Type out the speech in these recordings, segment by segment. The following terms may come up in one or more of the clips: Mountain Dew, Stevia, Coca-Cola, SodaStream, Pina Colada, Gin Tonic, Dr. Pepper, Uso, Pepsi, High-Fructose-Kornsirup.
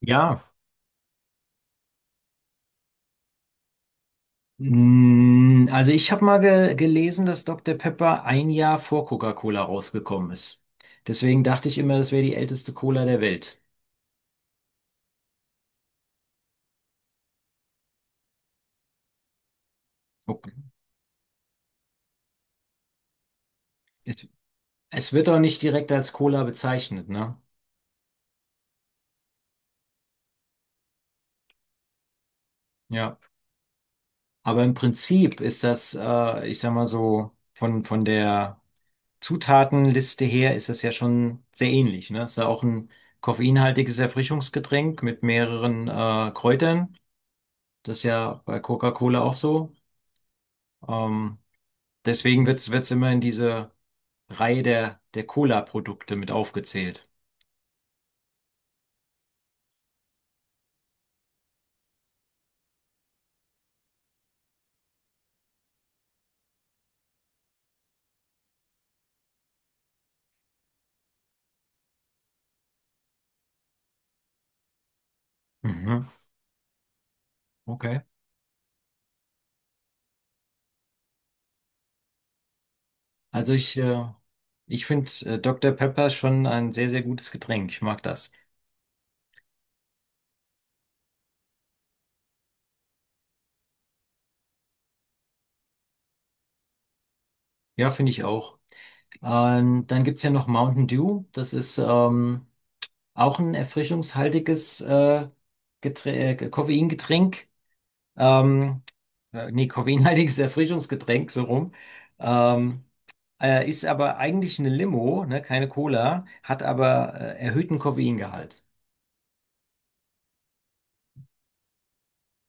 Ja, also ich habe mal ge gelesen, dass Dr. Pepper ein Jahr vor Coca-Cola rausgekommen ist. Deswegen dachte ich immer, das wäre die älteste Cola der Welt. Okay. Es, es wird auch nicht direkt als Cola bezeichnet, ne? Ja. Aber im Prinzip ist das, ich sag mal so, von der Zutatenliste her ist das ja schon sehr ähnlich, ne? Ist ja auch ein koffeinhaltiges Erfrischungsgetränk mit mehreren Kräutern. Das ist ja bei Coca-Cola auch so. Ähm, Deswegen wird es immer in diese Reihe der Cola-Produkte mit aufgezählt. Mhm. Okay. Also ich finde Dr. Pepper schon ein sehr, sehr gutes Getränk. Ich mag das. Ja, finde ich auch. Dann gibt's ja noch Mountain Dew. Das ist auch ein erfrischungshaltiges Geträ Koffeingetränk. Ähm, Nee, koffeinhaltiges Erfrischungsgetränk, so rum. Ähm, Ist aber eigentlich eine Limo, ne, keine Cola, hat aber erhöhten Koffeingehalt.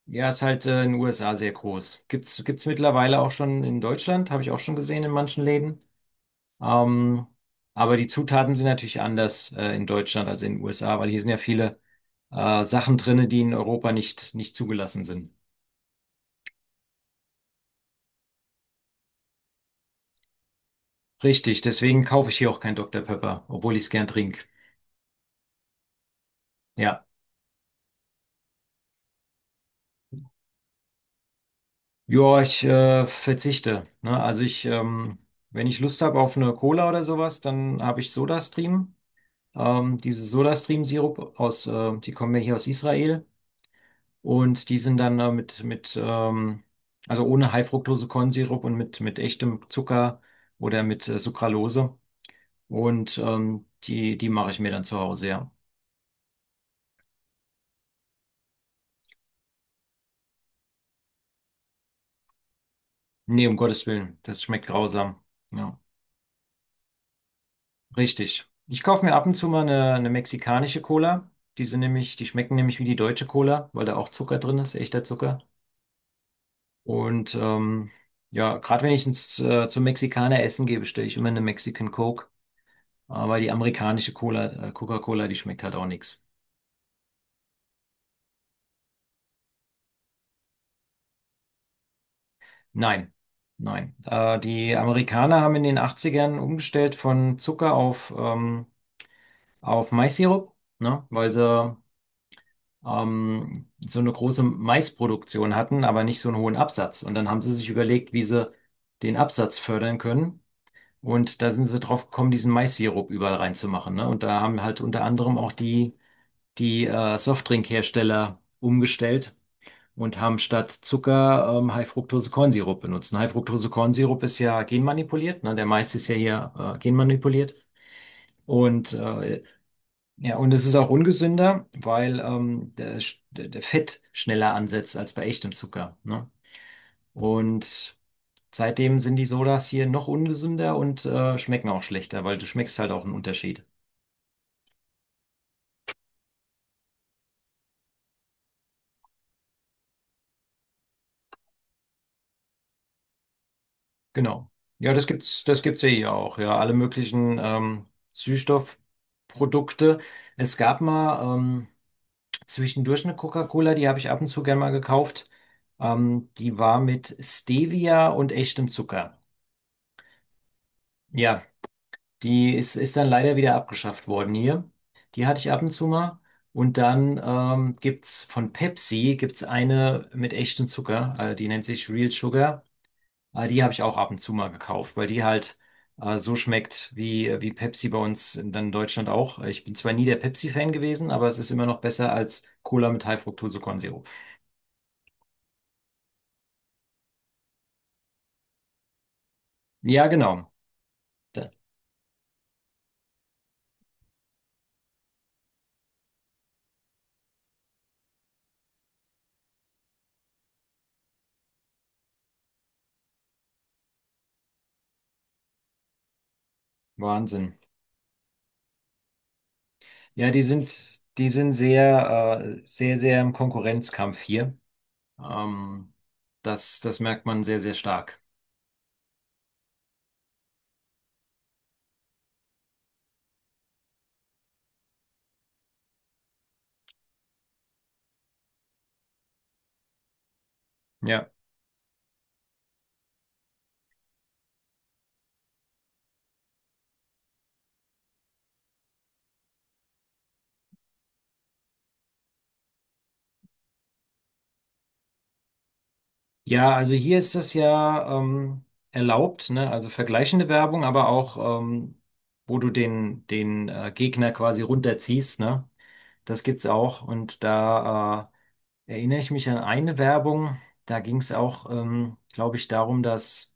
Ja, ist halt in den USA sehr groß. Gibt's mittlerweile auch schon in Deutschland, habe ich auch schon gesehen in manchen Läden. Ähm, aber die Zutaten sind natürlich anders in Deutschland als in den USA, weil hier sind ja viele Sachen drinne, die in Europa nicht zugelassen sind. Richtig, deswegen kaufe ich hier auch kein Dr. Pepper, obwohl ich es gern trinke. Ja. Ja, ich verzichte. Ne? Also wenn ich Lust habe auf eine Cola oder sowas, dann habe ich SodaStream. Diese SodaStream-Sirup die kommen ja hier aus Israel und die sind dann mit also ohne High-Fructose-Kornsirup und mit echtem Zucker oder mit Sucralose und die mache ich mir dann zu Hause. Ja, nee, um Gottes Willen, das schmeckt grausam. Ja. Richtig. Ich kaufe mir ab und zu mal eine mexikanische Cola. Die schmecken nämlich wie die deutsche Cola, weil da auch Zucker drin ist, echter Zucker. Und ja, gerade wenn ich zum Mexikaner essen gehe, bestelle ich immer eine Mexican Coke. Aber die amerikanische Cola, Coca-Cola, die schmeckt halt auch nichts. Nein, nein. Die Amerikaner haben in den Achtzigern umgestellt von Zucker auf Maissirup, ne? Weil sie so eine große Maisproduktion hatten, aber nicht so einen hohen Absatz. Und dann haben sie sich überlegt, wie sie den Absatz fördern können. Und da sind sie drauf gekommen, diesen Mais-Sirup überall reinzumachen, ne? Und da haben halt unter anderem auch die Softdrinkhersteller umgestellt und haben statt Zucker High-Fructose-Kornsirup benutzt. Und High-Fructose-Kornsirup ist ja genmanipuliert, ne? Der Mais ist ja hier genmanipuliert. Und äh, ja, und es ist auch ungesünder, weil der Fett schneller ansetzt als bei echtem Zucker. Ne? Und seitdem sind die Sodas hier noch ungesünder und schmecken auch schlechter, weil du schmeckst halt auch einen Unterschied. Genau. Ja, das gibt's ja hier ja auch. Ja, alle möglichen Süßstoffprodukte. Es gab mal zwischendurch eine Coca-Cola, die habe ich ab und zu gerne mal gekauft. Die war mit Stevia und echtem Zucker. Ja, die ist dann leider wieder abgeschafft worden hier. Die hatte ich ab und zu mal. Und dann gibt's von Pepsi gibt's eine mit echtem Zucker, die nennt sich Real Sugar. Die habe ich auch ab und zu mal gekauft, weil die halt so schmeckt wie Pepsi bei uns dann in Deutschland auch. Ich bin zwar nie der Pepsi-Fan gewesen, aber es ist immer noch besser als Cola mit High-Fructose-Kornsirup. Ja, genau. Da, Wahnsinn. Ja, die sind sehr, sehr, sehr im Konkurrenzkampf hier. Ähm, das merkt man sehr, sehr stark. Ja. Ja, also hier ist das ja erlaubt, ne? Also vergleichende Werbung, aber auch, wo du den Gegner quasi runterziehst, ne? Das gibt's auch. Und da erinnere ich mich an eine Werbung, da ging's auch, glaube ich, darum,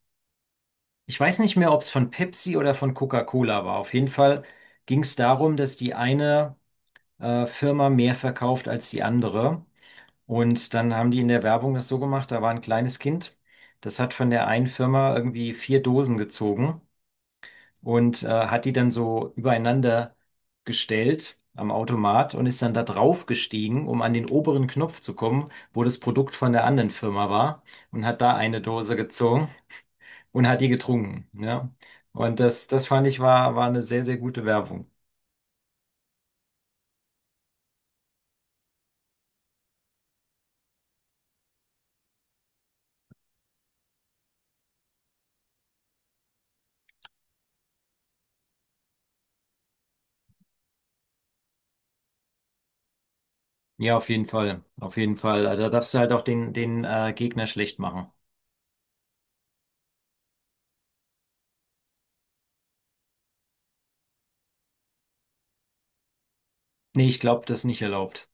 ich weiß nicht mehr, ob's von Pepsi oder von Coca-Cola war. Auf jeden Fall ging's darum, dass die eine Firma mehr verkauft als die andere. Und dann haben die in der Werbung das so gemacht, da war ein kleines Kind, das hat von der einen Firma irgendwie vier Dosen gezogen und hat die dann so übereinander gestellt am Automat und ist dann da drauf gestiegen, um an den oberen Knopf zu kommen, wo das Produkt von der anderen Firma war und hat da eine Dose gezogen und hat die getrunken. Ja. Und das fand ich war eine sehr, sehr gute Werbung. Ja, auf jeden Fall. Auf jeden Fall. Also da darfst du halt auch den Gegner schlecht machen. Nee, ich glaube, das ist nicht erlaubt.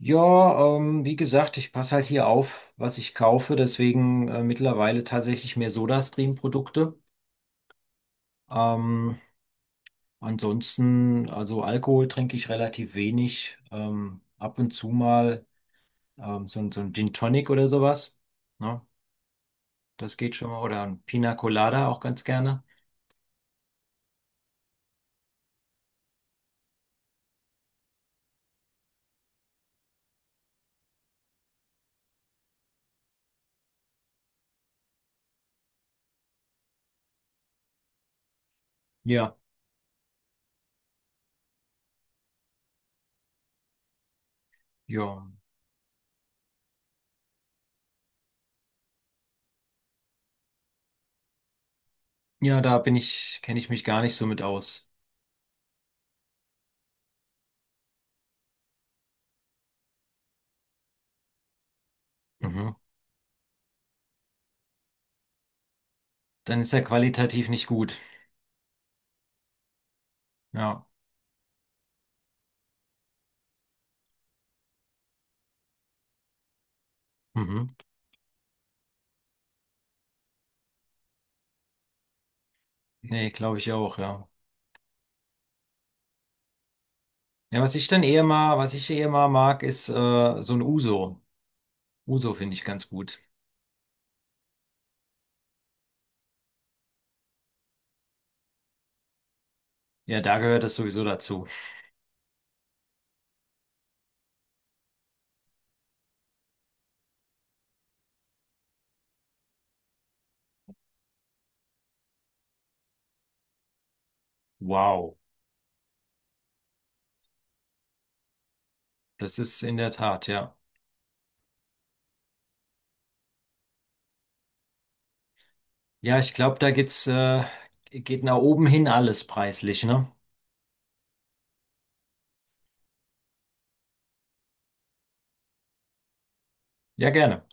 Ja, wie gesagt, ich passe halt hier auf, was ich kaufe, deswegen mittlerweile tatsächlich mehr SodaStream-Produkte. Ähm, Ansonsten, also Alkohol trinke ich relativ wenig, ab und zu mal so, so ein Gin Tonic oder sowas. Ne? Das geht schon mal. Oder ein Pina Colada auch ganz gerne. Ja, ja. Ja, kenne ich mich gar nicht so mit aus. Mhm. Dann ist er qualitativ nicht gut. Ja. Mhm. Nee, glaube ich auch, ja. Ja, was ich eher mal mag, ist so ein Uso. Uso finde ich ganz gut. Ja, da gehört das sowieso dazu. Wow, das ist in der Tat, ja. Ja, ich glaube, da geht nach oben hin alles preislich, ne? Ja, gerne.